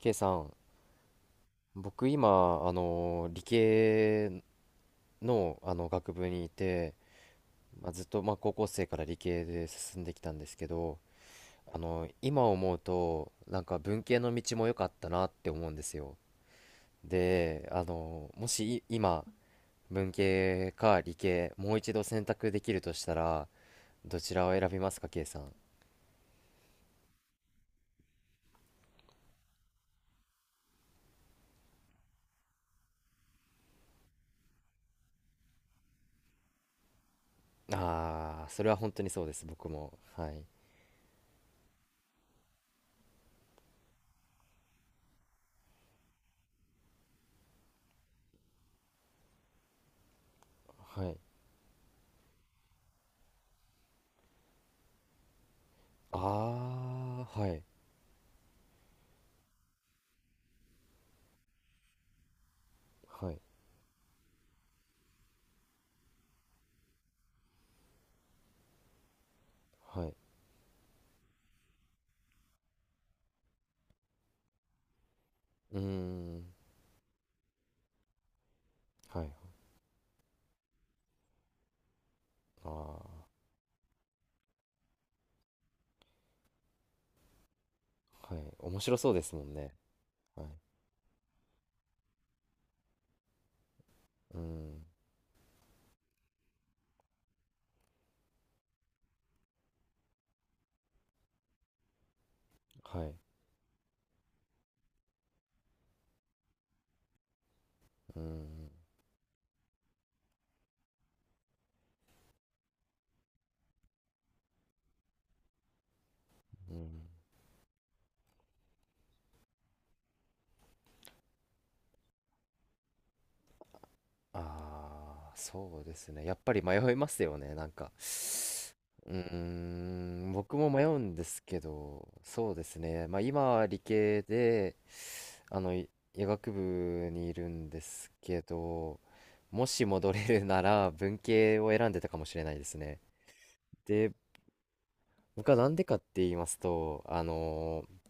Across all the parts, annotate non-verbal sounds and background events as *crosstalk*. K さん、僕今、理系の、あの学部にいて、まあ、ずっと、まあ、高校生から理系で進んできたんですけど、今思うとなんか文系の道も良かったなって思うんですよ。で、もし今文系か理系もう一度選択できるとしたら、どちらを選びますか K さん。ああ、それは本当にそうです、僕も。はい。はい。ああ、はい。はい。はい。うーん。はい。ああ、はい。面白そうですもんね。はい。うん。はい。うん。うん。ああ、そうですね。やっぱり迷いますよね。なんか。うーん、僕も迷うんですけど、そうですね。まあ今は理系で、あの、い医学部にいるんですけど、もし戻れるなら文系を選んでたかもしれないですね。で、僕はなんでかって言いますと、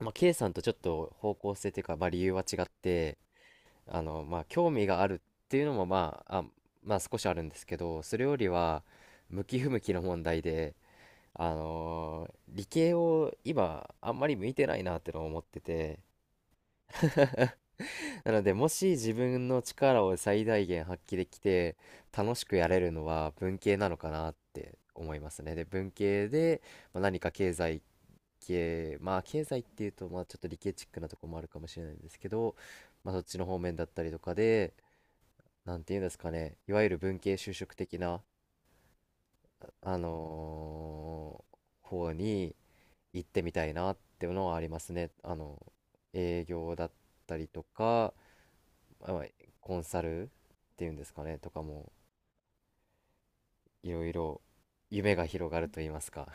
まあ、K さんとちょっと方向性というか、まあ、理由は違って、まあ、興味があるっていうのも、まあ、まあ、少しあるんですけど、それよりは、向き不向きの問題で、理系を今、あんまり向いてないなってのを思ってて、なので、もし自分の力を最大限発揮できて、楽しくやれるのは文系なのかなって思いますね。で、文系で、まあ、何か経済経まあ経済っていうと、まあちょっと理系チックなとこもあるかもしれないんですけど、まあ、そっちの方面だったりとかで、なんていうんですかね、いわゆる文系就職的な、あのー方に行ってみたいなっていうのはありますね。営業だったりとか、まあコンサルっていうんですかね、とかも、いろいろ夢が広がると言いますか。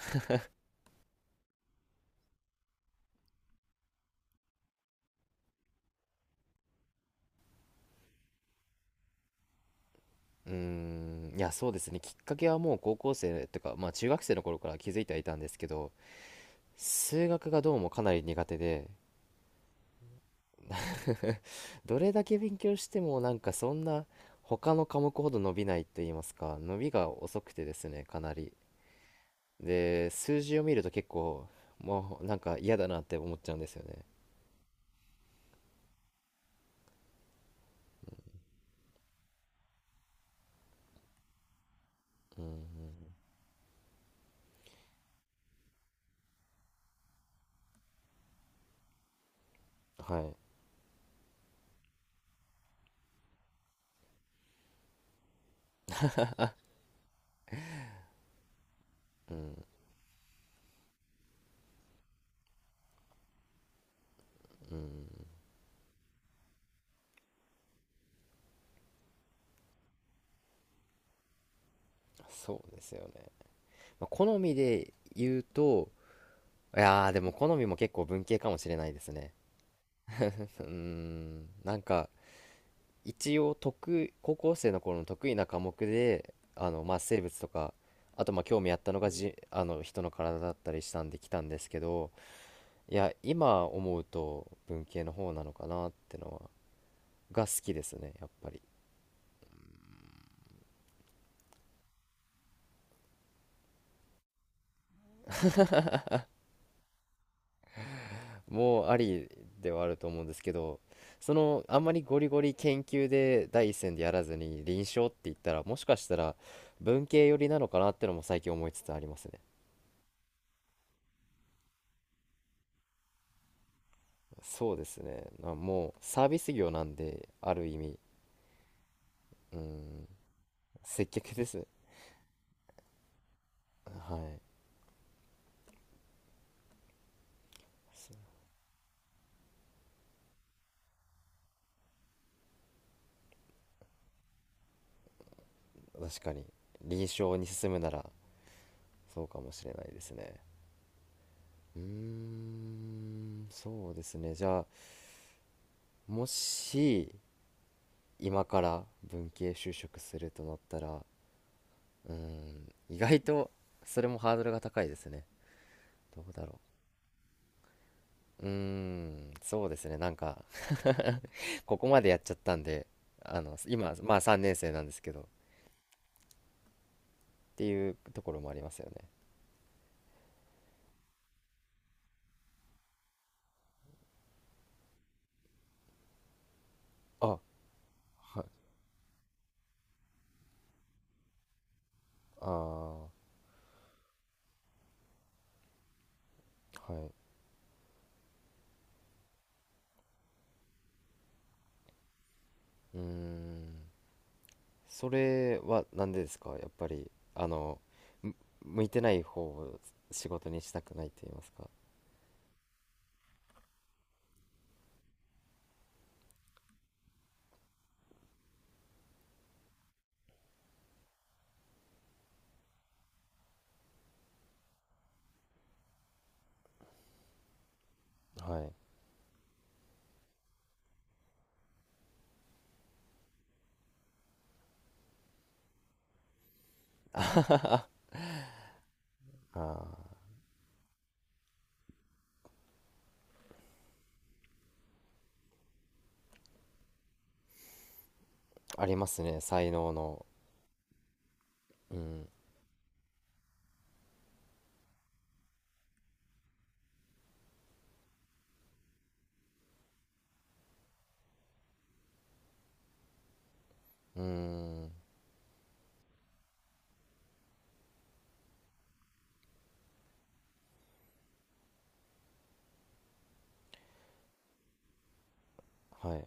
うーん、いや、そうですね。きっかけはもう高校生とか、まあ中学生の頃から気づいてはいたんですけど、数学がどうもかなり苦手で。 *laughs* どれだけ勉強してもなんかそんな他の科目ほど伸びないと言いますか、伸びが遅くてですね、かなり。で、数字を見ると結構もうなんか嫌だなって思っちゃうんですよね。はい。うん。うん。そうですよね、まあ、好みで言うと、いやー、でも好みも結構文系かもしれないですね。うーん、なんか一応、高校生の頃の得意な科目で、まあ、生物とか、あとまあ興味あったのが、じあの人の体だったりしたんで来たんですけど、いや今思うと文系の方なのかなってが好きですね、やっぱり。もうありではあると思うんですけど、あんまりゴリゴリ研究で第一線でやらずに臨床って言ったら、もしかしたら文系寄りなのかなってのも最近思いつつありますね。そうですねもうサービス業なんである意味。うん、接客ですね。はい。そ確かに。臨床に進むなら、そうかもしれないですね。うーん、そうですね。じゃあ、もし、今から文系就職するとなったら、うーん、意外と、それもハードルが高いですね。どうだろう。うーん、そうですね。なんか *laughs* ここまでやっちゃったんで、今、まあ3年生なんですけど、っていうところもありますよね。あ、はい。ああ、はい。うーん、それはなんでですか、やっぱり。あのむ向いてない方を仕事にしたくないと言いますか。はい。ああ、ありますね、才能の。うん。うーん。はい。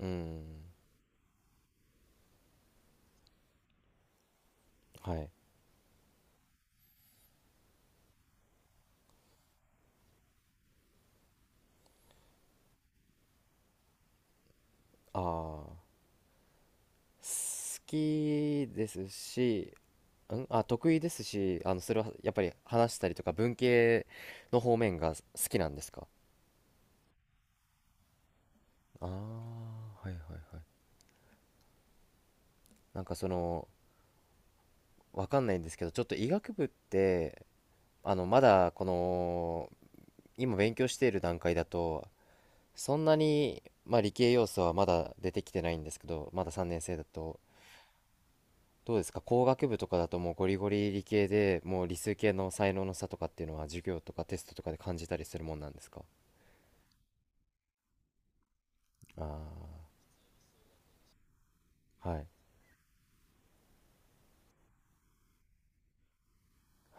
うん。はい。ああ、好きですし、得意ですし、それはやっぱり話したりとか、文系の方面が好きなんですか。ああー、はい、はい、はい。なんかわかんないんですけど、ちょっと医学部って、まだ今勉強している段階だと、そんなに、まあ、理系要素はまだ出てきてないんですけど、まだ3年生だと、どうですか、工学部とかだと、もうゴリゴリ理系で、もう理数系の才能の差とかっていうのは、授業とかテストとかで感じたりするもんなんですか。ああ、はい、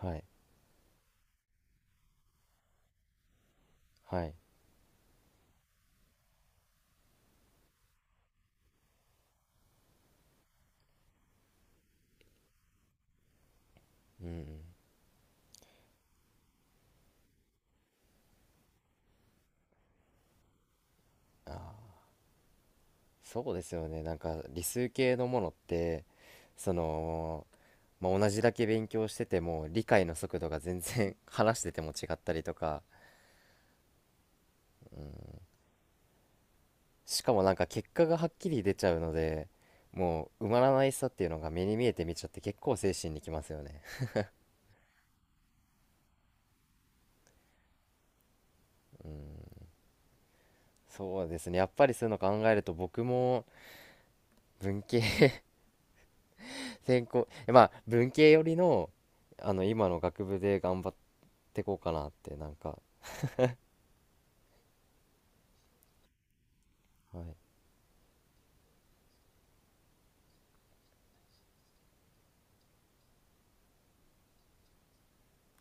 はい、はい、うんうん。ああ、そうですよね。なんか理数系のものって、その、まあ、同じだけ勉強してても、理解の速度が全然 *laughs* 話してても違ったりとか、しかもなんか結果がはっきり出ちゃうので、もう埋まらないさっていうのが目に見えて見ちゃって、結構精神にきますよね。 *laughs* そうですね、やっぱりそういうの考えると、僕も文系 *laughs* 専攻、まあ文系寄りの今の学部で頑張ってこうかなって、なんか。はい。